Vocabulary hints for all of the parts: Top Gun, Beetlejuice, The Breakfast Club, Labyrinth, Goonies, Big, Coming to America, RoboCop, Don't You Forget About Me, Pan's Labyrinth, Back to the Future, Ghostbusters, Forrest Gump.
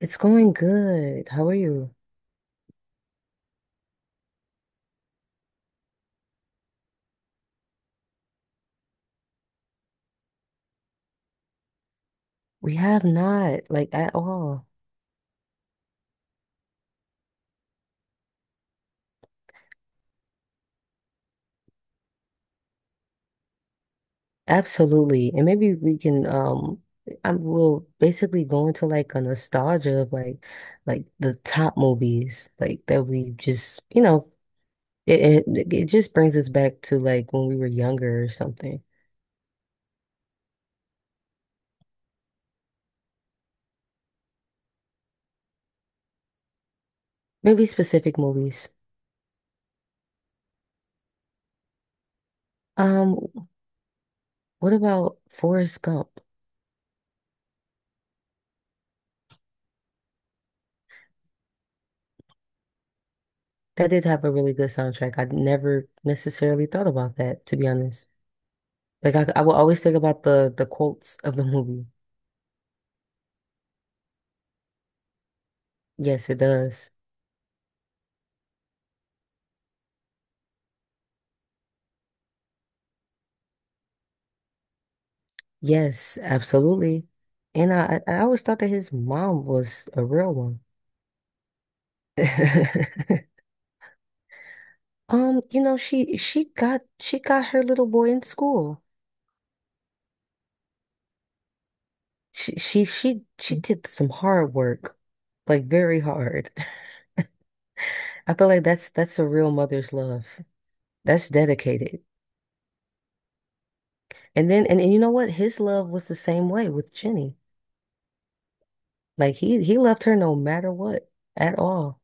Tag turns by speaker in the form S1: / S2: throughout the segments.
S1: It's going good. How are you? We have not, like, at all. Absolutely. And maybe we can I will basically go into like a nostalgia of like the top movies like that we just, it just brings us back to like when we were younger or something. Maybe specific movies. Um, what about Forrest Gump? That did have a really good soundtrack. I never necessarily thought about that, to be honest. Like I will always think about the quotes of the movie. Yes, it does. Yes, absolutely. And I always thought that his mom was a real one. You know, she got her little boy in school. She did some hard work, like very hard. I feel like that's a real mother's love. That's dedicated. And then and you know what? His love was the same way with Jenny. Like he loved her no matter what at all.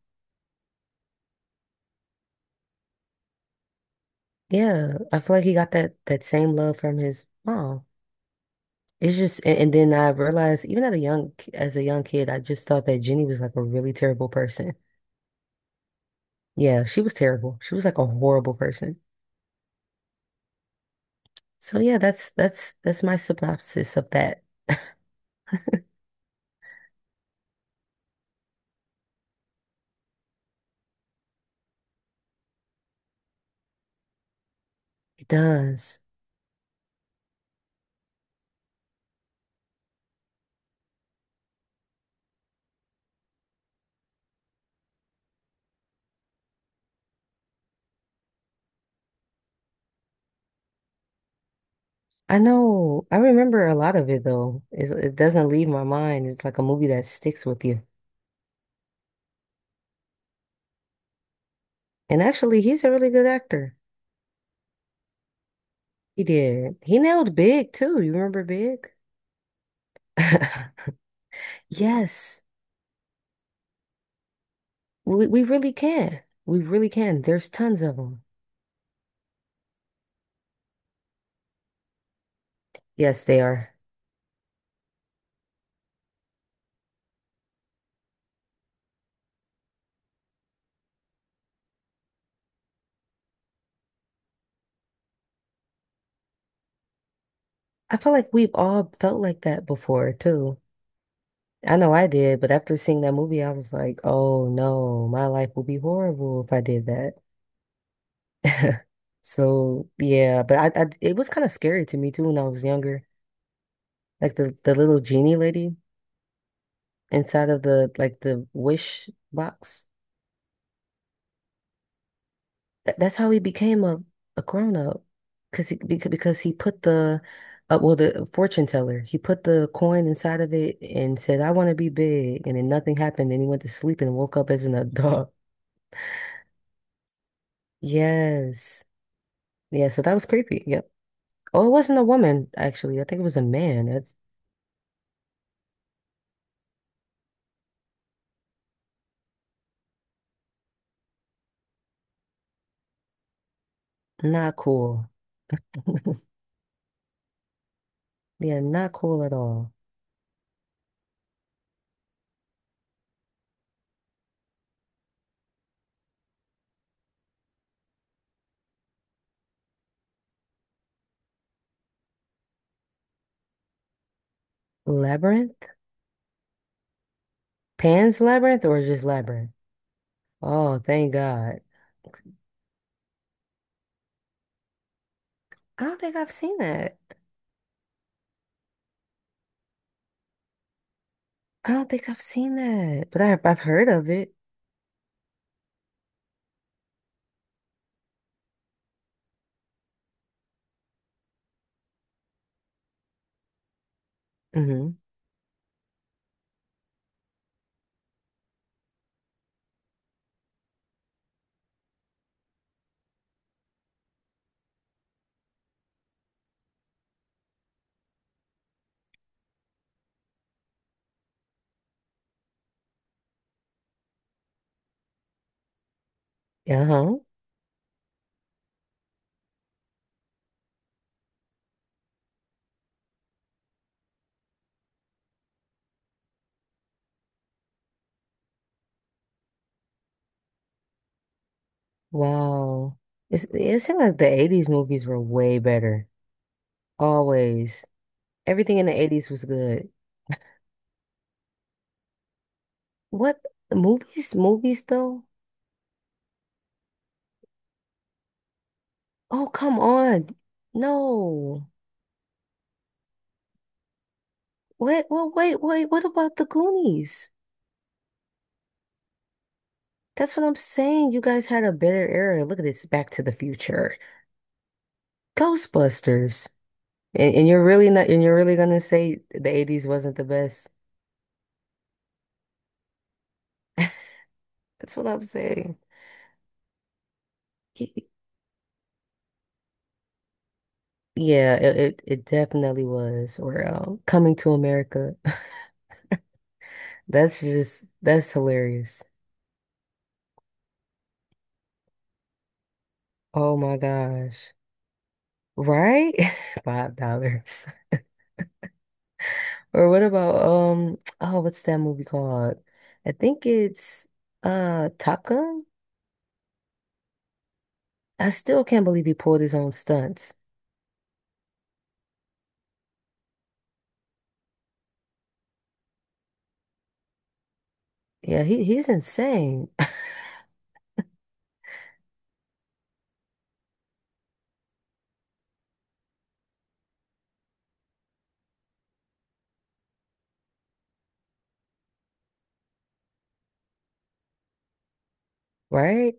S1: Yeah, I feel like he got that same love from his mom. It's just, and then I realized even at a young kid, I just thought that Jenny was like a really terrible person. Yeah, she was terrible. She was like a horrible person. So yeah, that's my synopsis of that. It does. I know. I remember a lot of it though. It doesn't leave my mind. It's like a movie that sticks with you. And actually, he's a really good actor. He did. He nailed Big too. You remember Big? Yes. We really can. We really can. There's tons of them. Yes, they are. I feel like we've all felt like that before too. I know I did, but after seeing that movie, I was like, oh no, my life would be horrible if I did that. So yeah, but I it was kind of scary to me too when I was younger. Like the little genie lady inside of the like the wish box. That's how he became a grown up, because he put the well the fortune teller he put the coin inside of it and said I want to be big, and then nothing happened, and he went to sleep and woke up as an adult. Yes, yeah. So that was creepy. Yep. Oh, it wasn't a woman actually. I think it was a man. That's not cool. Yeah, not cool at all. Labyrinth? Pan's Labyrinth or just Labyrinth? Oh, thank God. I don't think I've seen that. I don't think I've seen that, but I've heard of it. Mm-hmm. Uh-huh. Wow. It's, it seemed like the 80's movies were way better. Always. Everything in the 80's was good. What movies? Movies though? Oh, come on. No. Wait, wait. What about the Goonies? That's what I'm saying. You guys had a better era. Look at this, Back to the Future. Ghostbusters. And you're really not and you're really gonna say the 80's wasn't the best. That's what I'm saying. Y- Yeah, it definitely was. Or Coming to America. That's just that's hilarious. Oh my gosh. Right? $5. Or what about oh what's that movie called? I think it's Top Gun. I still can't believe he pulled his own stunts. Yeah, he's insane. Right?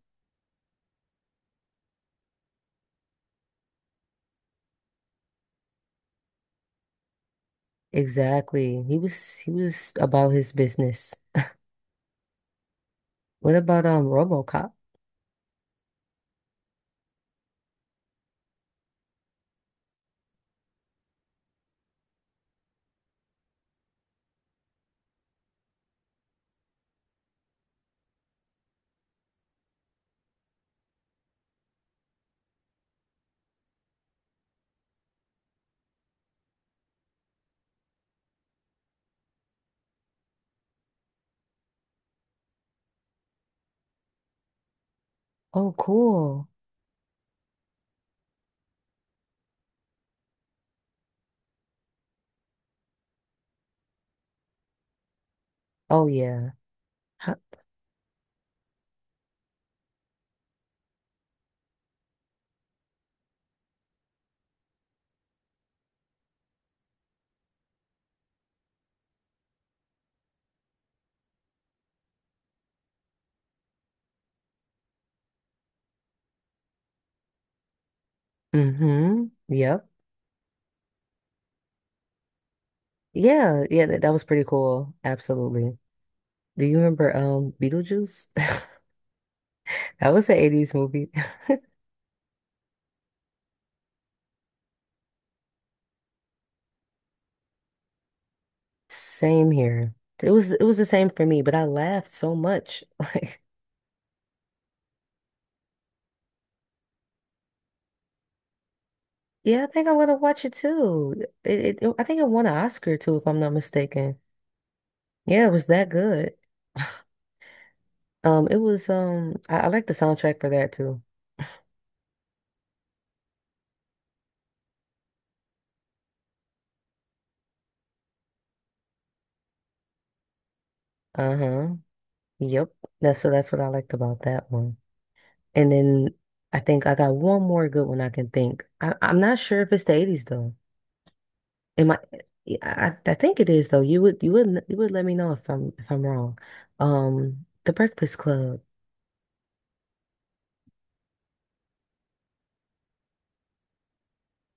S1: Exactly. He was about his business. What about RoboCop? Oh cool. Oh yeah. Mm-hmm. Yep. Yeah. Yeah. That was pretty cool. Absolutely. Do you remember Beetlejuice? That was an 80's movie. Same here. It was the same for me, but I laughed so much. Like, yeah, I think I want to watch it too. It I think it won an Oscar too, if I'm not mistaken. Yeah, it was that good. It was I like the soundtrack for that too. Uh-huh. Yep. That's so that's what I liked about that one. And then I think I got one more good one I can think. I'm not sure if it's the 80's though. Am I? Yeah, I think it is though. You would let me know if I'm wrong. The Breakfast Club.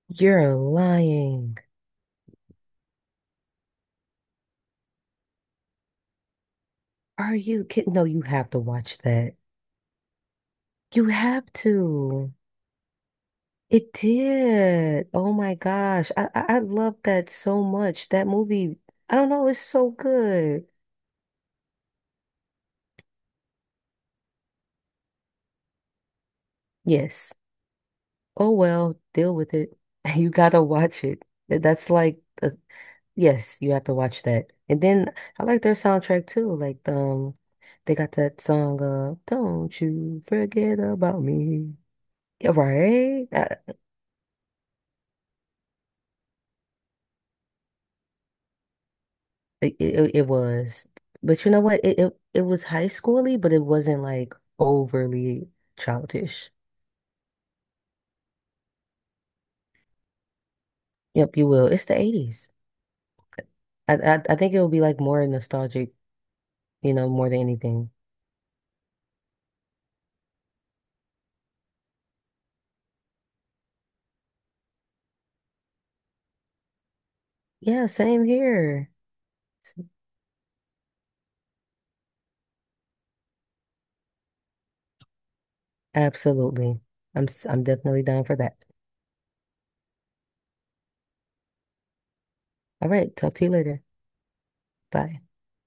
S1: You're lying. Are you kidding? No, you have to watch that. You have to. It did. Oh my gosh. I love that so much. That movie, I don't know, it's so good. Yes. Oh well, deal with it. You gotta watch it. Th- That's like the Yes, you have to watch that. And then I like their soundtrack too. Like they got that song "Don't You Forget About Me." Yeah, right? It was, but you know what? It was high schooly, but it wasn't like overly childish. Yep, you will. It's the 80's. I think it will be like more nostalgic, you know, more than anything. Yeah, same here. Absolutely. I'm definitely down for that. All right, talk to you later. Bye.